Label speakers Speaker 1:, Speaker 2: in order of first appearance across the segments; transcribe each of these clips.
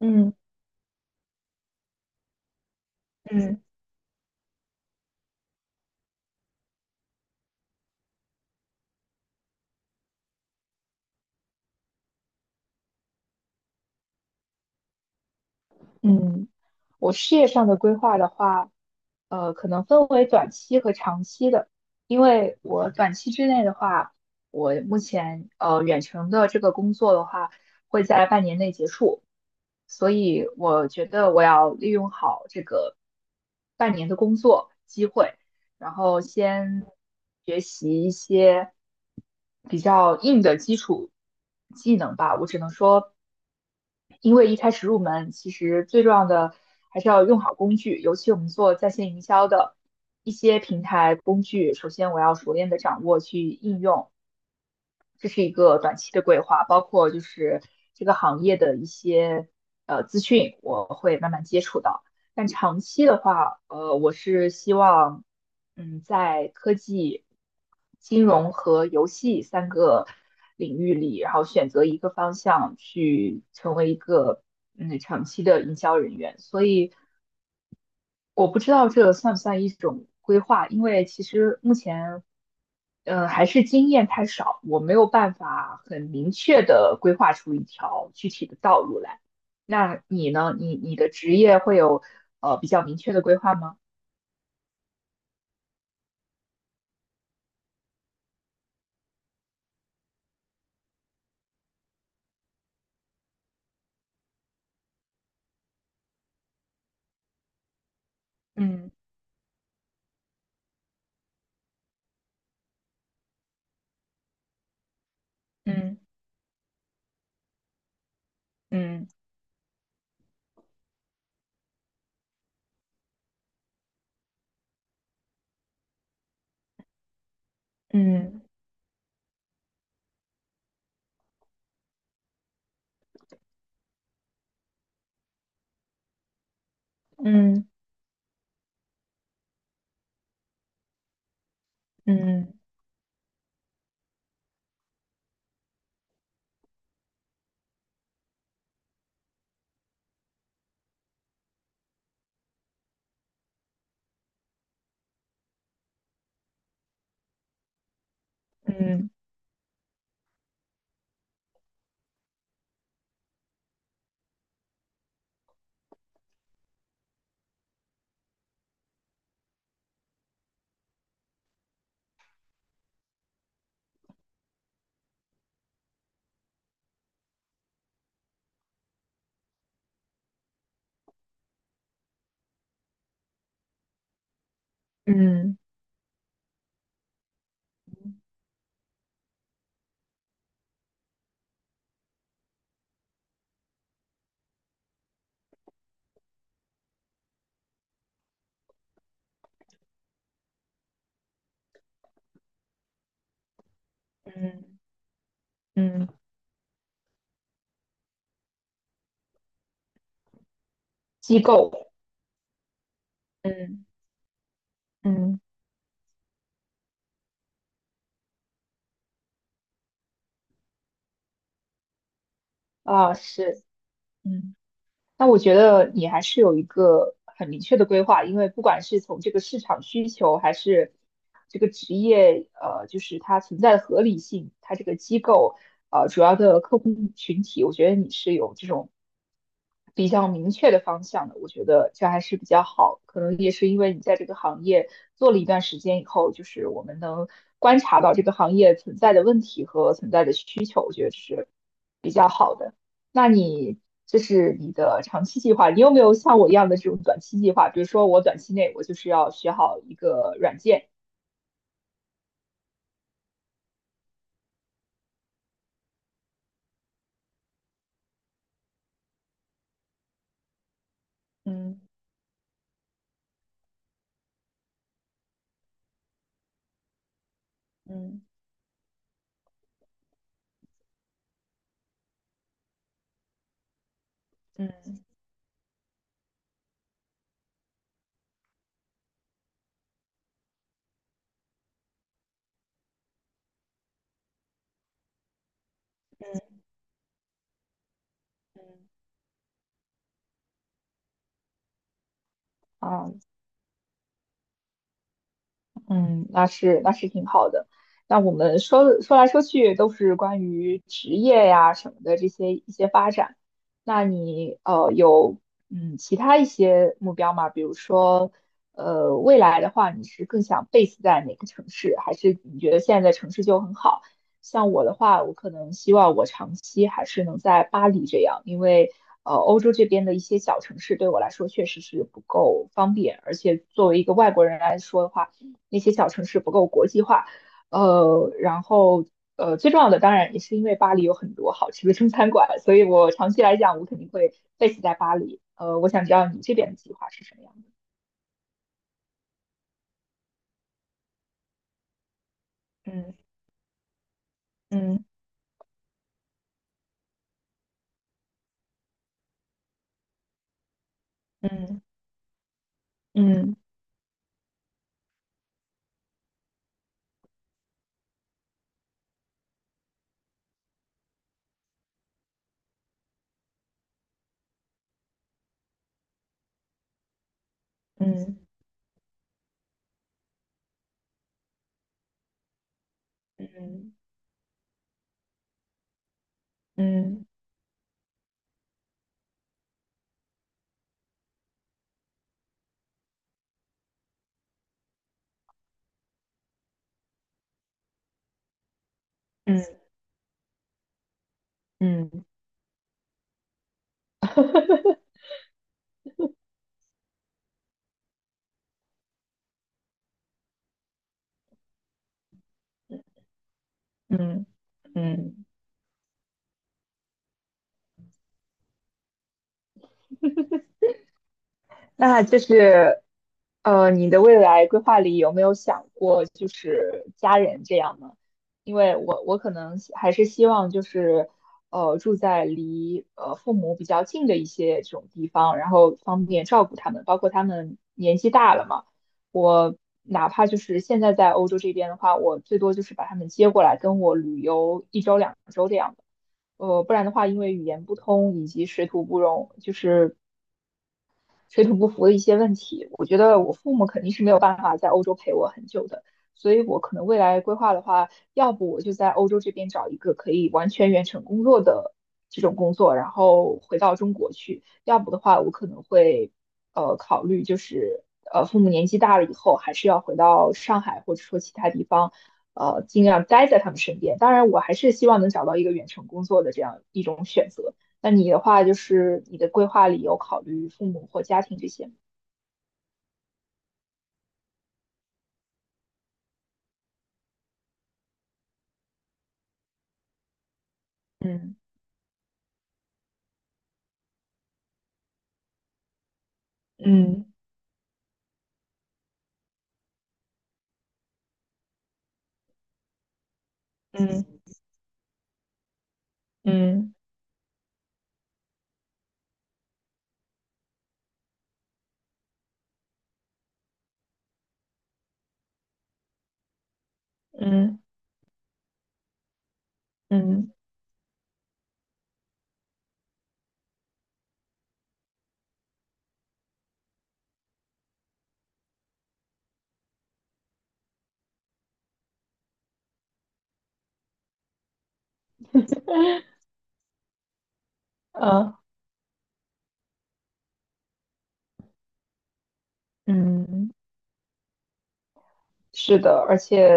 Speaker 1: 嗯嗯嗯。我事业上的规划的话，可能分为短期和长期的。因为我短期之内的话，我目前远程的这个工作的话，会在半年内结束，所以我觉得我要利用好这个半年的工作机会，然后先学习一些比较硬的基础技能吧。我只能说。因为一开始入门，其实最重要的还是要用好工具，尤其我们做在线营销的一些平台工具，首先我要熟练的掌握去应用，这是一个短期的规划，包括就是这个行业的一些资讯，我会慢慢接触到。但长期的话，我是希望，在科技、金融和游戏三个领域里，然后选择一个方向去成为一个长期的营销人员。所以我不知道这算不算一种规划，因为其实目前还是经验太少，我没有办法很明确的规划出一条具体的道路来。那你呢？你的职业会有比较明确的规划吗？嗯嗯嗯嗯嗯嗯嗯嗯嗯嗯嗯。机构。嗯嗯，啊，是。嗯那我觉得你还是有一个很明确的规划，因为不管是从这个市场需求，还是这个职业，就是它存在的合理性，它这个机构，主要的客户群体，我觉得你是有这种比较明确的方向的，我觉得这还是比较好。可能也是因为你在这个行业做了一段时间以后，就是我们能观察到这个行业存在的问题和存在的需求，我觉得是比较好的。那你这是你的长期计划，你有没有像我一样的这种短期计划？比如说我短期内我就是要学好一个软件。嗯嗯嗯嗯，啊，嗯，那是挺好的。那我们说说来说去都是关于职业呀什么的这些一些发展。那你有其他一些目标吗？比如说未来的话，你是更想 base 在哪个城市，还是你觉得现在的城市就很好？像我的话，我可能希望我长期还是能在巴黎这样，因为欧洲这边的一些小城市对我来说确实是不够方便，而且作为一个外国人来说的话。那些小城市不够国际化。呃，然后最重要的当然也是因为巴黎有很多好吃的中餐馆，所以我长期来讲，我肯定会 base 在巴黎。我想知道你这边的计划是什么样的？嗯嗯嗯嗯嗯嗯嗯嗯嗯嗯嗯嗯。那就是，你的未来规划里有没有想过就是家人这样呢？因为我可能还是希望就是，住在离父母比较近的一些这种地方，然后方便照顾他们，包括他们年纪大了嘛，我哪怕就是现在在欧洲这边的话，我最多就是把他们接过来跟我旅游一周两周这样的。不然的话，因为语言不通以及水土不容，就是水土不服的一些问题，我觉得我父母肯定是没有办法在欧洲陪我很久的，所以我可能未来规划的话，要不我就在欧洲这边找一个可以完全远程工作的这种工作，然后回到中国去；要不的话，我可能会考虑就是父母年纪大了以后，还是要回到上海或者说其他地方，尽量待在他们身边。当然，我还是希望能找到一个远程工作的这样一种选择。那你的话，就是你的规划里有考虑父母或家庭这些吗？嗯嗯嗯嗯嗯嗯嗯嗯。嗯嗯嗯，是的，而且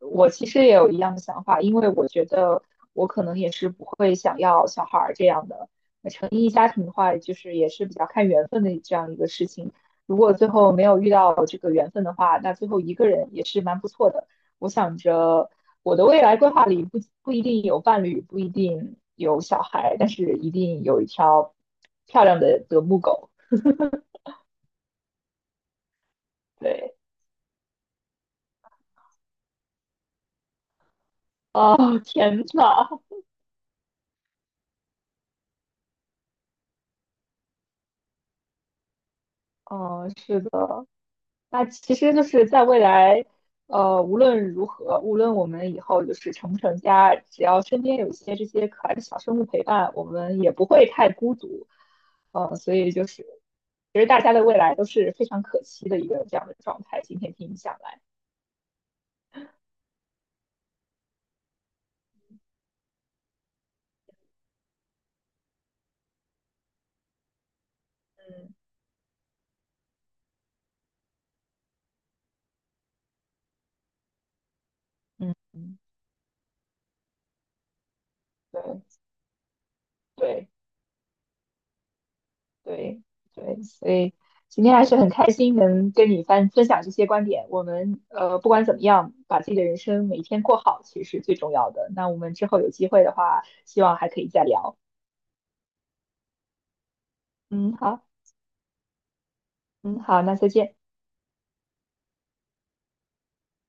Speaker 1: 我其实也有一样的想法，因为我觉得我可能也是不会想要小孩儿这样的。那成立家庭的话，就是也是比较看缘分的这样一个事情。如果最后没有遇到这个缘分的话，那最后一个人也是蛮不错的。我想着我的未来规划里不一定有伴侣，不一定有小孩，但是一定有一条漂亮的德牧狗。对，啊天呐，哦，是的。那其实就是在未来，无论如何，无论我们以后就是成不成家，只要身边有一些这些可爱的小生物陪伴，我们也不会太孤独。所以就是，其实大家的未来都是非常可期的一个这样的状态。今天听你讲来。嗯。嗯，对对。对对，所以今天还是很开心能跟你分享这些观点。我们不管怎么样，把自己的人生每天过好，其实是最重要的。那我们之后有机会的话，希望还可以再聊。嗯，好。嗯，好，那再见。